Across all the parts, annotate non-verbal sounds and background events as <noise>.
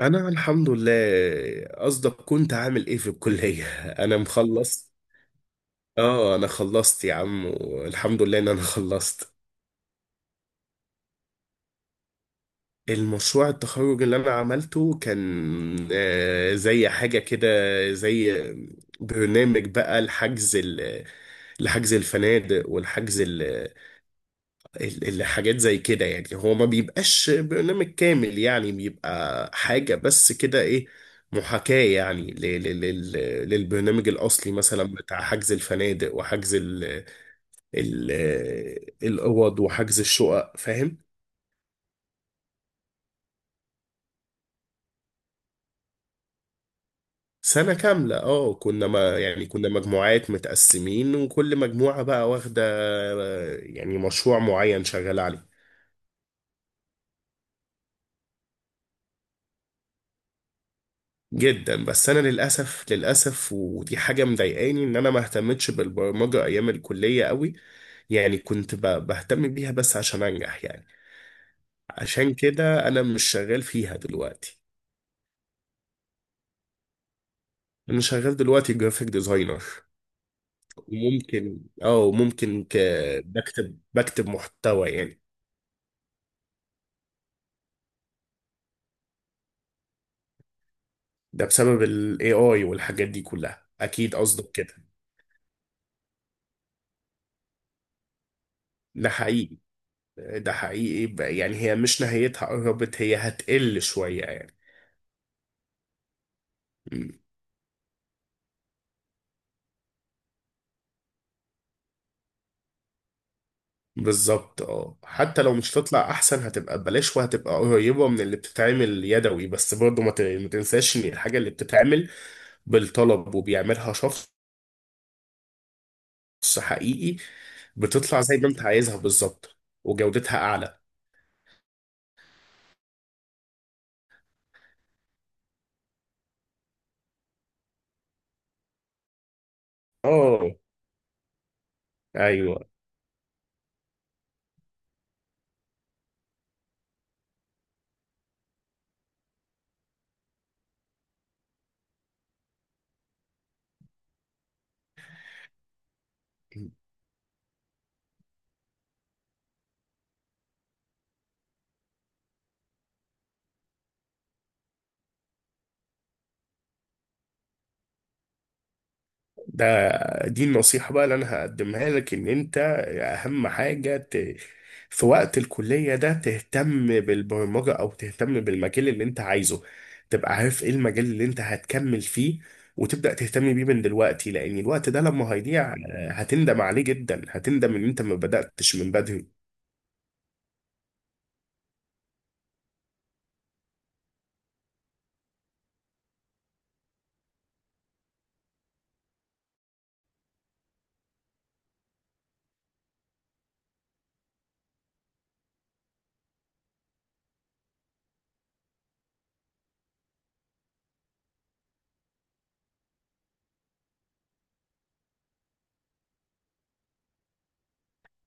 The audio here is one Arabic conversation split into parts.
انا الحمد لله. قصدك كنت عامل ايه في الكلية؟ <laughs> انا مخلص. اه انا خلصت يا عم والحمد لله ان انا خلصت. المشروع التخرج اللي انا عملته كان زي حاجة كده، زي برنامج بقى لحجز الفنادق والحجز الحاجات زي كده. يعني هو ما بيبقاش برنامج كامل، يعني بيبقى حاجة بس كده، ايه، محاكاة، يعني للبرنامج الأصلي مثلا بتاع حجز الفنادق وحجز ال ال الأوض وحجز الشقق، فاهم؟ سنة كاملة اه. كنا ما يعني كنا مجموعات متقسمين وكل مجموعة بقى واخدة يعني مشروع معين شغالة عليه جدا. بس انا للاسف، للاسف ودي حاجه مضايقاني ان انا ما اهتمتش بالبرمجه ايام الكليه قوي. يعني كنت بهتم بيها بس عشان انجح يعني. عشان كده انا مش شغال فيها دلوقتي. انا شغال دلوقتي جرافيك ديزاينر. وممكن ممكن ك... بكتب، بكتب محتوى يعني. ده بسبب الاي اي والحاجات دي كلها، اكيد قصدك كده. ده حقيقي، ده حقيقي يعني هي مش نهايتها قربت، هي هتقل شويه يعني. بالظبط، اه حتى لو مش هتطلع احسن هتبقى ببلاش وهتبقى قريبه من اللي بتتعمل يدوي، بس برضه ما تنساش ان الحاجه اللي بتتعمل بالطلب وبيعملها شخص حقيقي بتطلع زي ما انت عايزها بالظبط وجودتها اعلى. اه ايوه. ده دي النصيحة بقى اللي أنا هقدمها لك، إن أنت أهم حاجة ت... في وقت الكلية ده تهتم بالبرمجة أو تهتم بالمجال اللي أنت عايزه، تبقى عارف إيه المجال اللي أنت هتكمل فيه وتبدأ تهتم بيه من دلوقتي. لأن الوقت ده لما هيضيع هتندم عليه جدا، هتندم إن أنت ما بدأتش من بدري.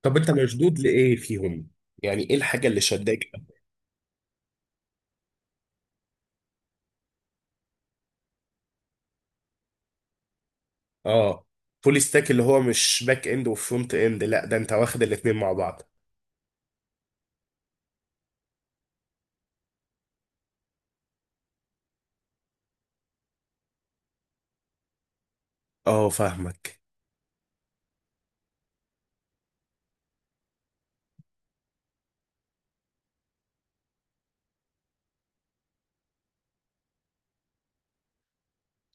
طب أنت مشدود لإيه فيهم؟ يعني إيه الحاجة اللي شداك؟ آه، فول ستاك اللي هو مش باك إند وفرونت إند، لا ده أنت واخد الاتنين مع بعض. آه فاهمك.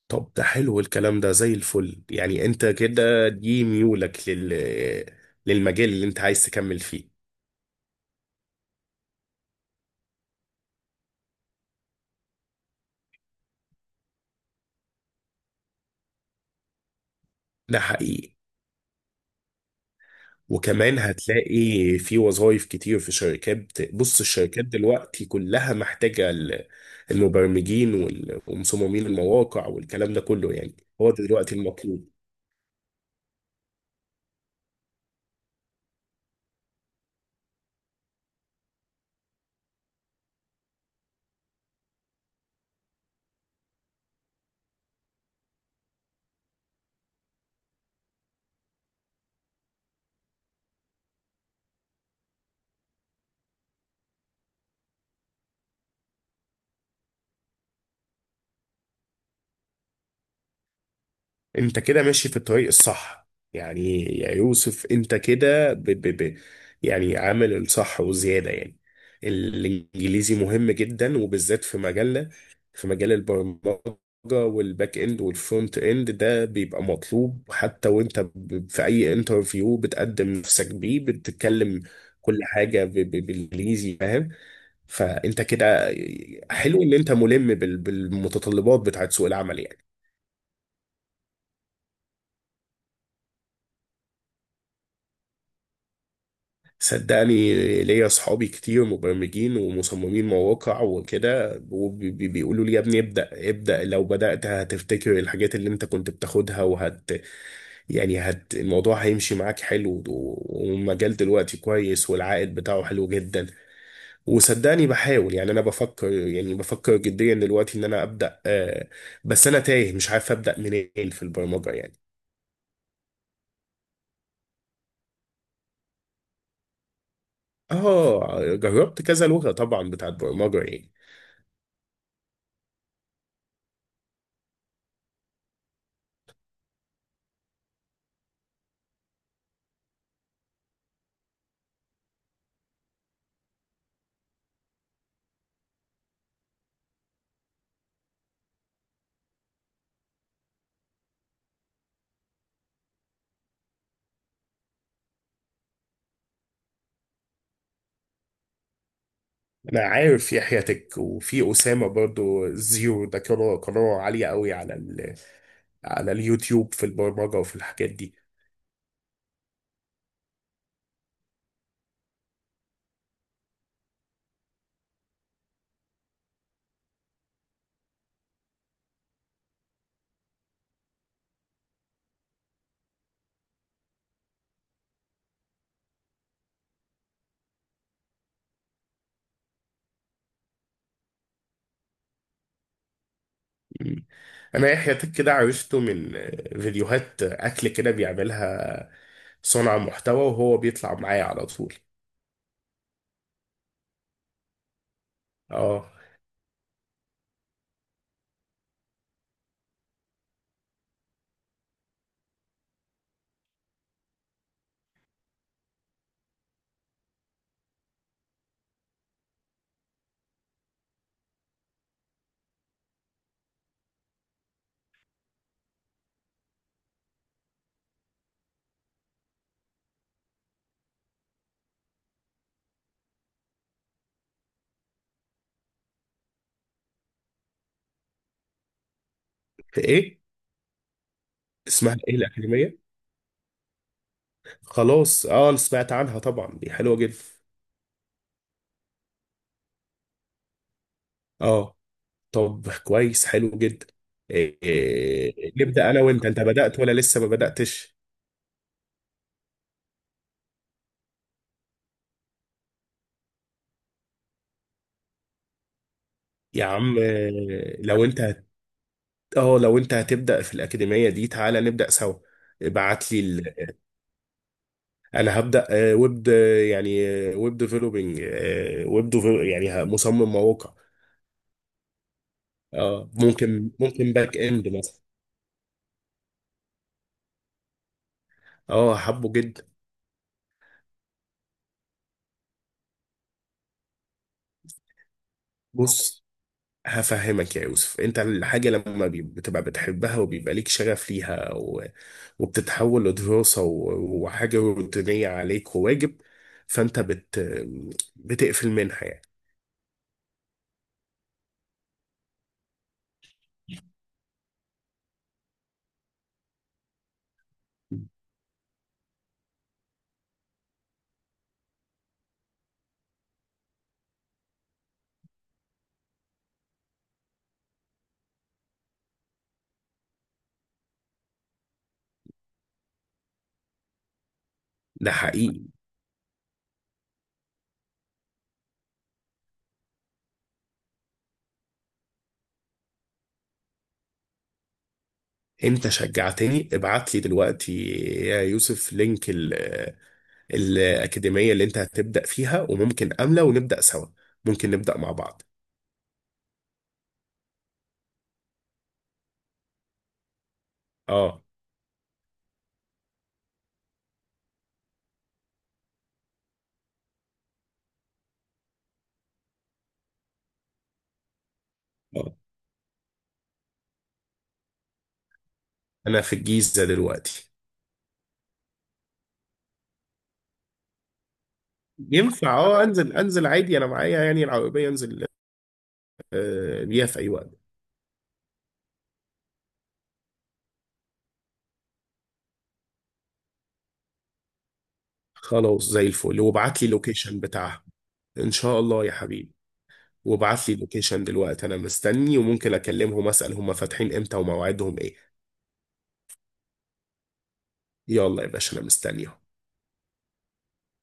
طب ده حلو الكلام ده زي الفل، يعني انت كده دي ميولك لل... للمجال اللي انت عايز تكمل فيه. ده حقيقي. وكمان هتلاقي في وظائف كتير في شركات بص الشركات دلوقتي كلها محتاجة المبرمجين ومصممين المواقع والكلام ده كله يعني. هو ده دلوقتي المطلوب. انت كده ماشي في الطريق الصح. يعني يا يوسف انت كده ب ب ب يعني عامل الصح وزيادة يعني. الانجليزي مهم جدا وبالذات في مجالنا، في مجال البرمجة والباك اند والفرونت اند. ده بيبقى مطلوب حتى وانت في اي انترفيو بتقدم نفسك بيه بتتكلم كل حاجة بالانجليزي، فاهم؟ فانت كده حلو ان انت ملم بالمتطلبات بتاعت سوق العمل يعني. صدقني ليا اصحابي كتير مبرمجين ومصممين مواقع وكده وبيقولوا لي يا ابني ابدأ، ابدأ لو بدأت هتفتكر الحاجات اللي انت كنت بتاخدها، وهت يعني هت، الموضوع هيمشي معاك حلو، و- والمجال دلوقتي كويس والعائد بتاعه حلو جدا. وصدقني بحاول، يعني انا بفكر، يعني بفكر جديا دلوقتي ان انا ابدأ، بس انا تايه مش عارف ابدأ منين في البرمجة يعني. اه جربت كذا لغة طبعا بتاعت برمجة يعني. انا عارف يحيى تك وفي اسامه برضو زيرو ده، كانوا قناه عاليه قوي على ال... على اليوتيوب في البرمجه وفي الحاجات دي. مم. انا يحيى تك كده عرفته من فيديوهات اكل كده بيعملها صانع محتوى وهو بيطلع معايا على طول. اه. ايه اسمها ايه الاكاديميه؟ خلاص، اه أنا سمعت عنها طبعا، دي حلوه جدا. اه طب كويس، حلو جدا. إيه إيه إيه، نبدا انا وانت، انت بدات ولا لسه ما بداتش؟ يا عم لو انت اه لو انت هتبدأ في الأكاديمية دي تعالى نبدأ سوا. ابعت لي ال... انا هبدأ آه، ويب ويب ديفلوبينج، آه ويب ديفل... يعني مصمم مواقع. اه ممكن، ممكن باك اند مثلا. اه حبه جدا. بص هفهمك يا يوسف، انت الحاجة لما بتبقى بتحبها وبيبقى ليك شغف ليها و... وبتتحول لدراسة و... وحاجة روتينية عليك وواجب، فانت بت... بتقفل منها يعني. ده حقيقي. انت شجعتني، ابعت لي دلوقتي يا يوسف لينك ال الأكاديمية اللي انت هتبدأ فيها وممكن أملة ونبدأ سوا، ممكن نبدأ مع بعض. اه. آه. انا في الجيزة دلوقتي. ينفع، اه انزل، انزل عادي، انا معايا يعني العربية، انزل بيها في اي وقت. خلاص زي الفل، وابعت لي اللوكيشن بتاعها. ان شاء الله يا حبيبي. وابعت لي اللوكيشن دلوقتي انا مستني، وممكن اكلمهم اسال هم فاتحين امتى ومواعيدهم ايه. يلا يا باشا انا مستني.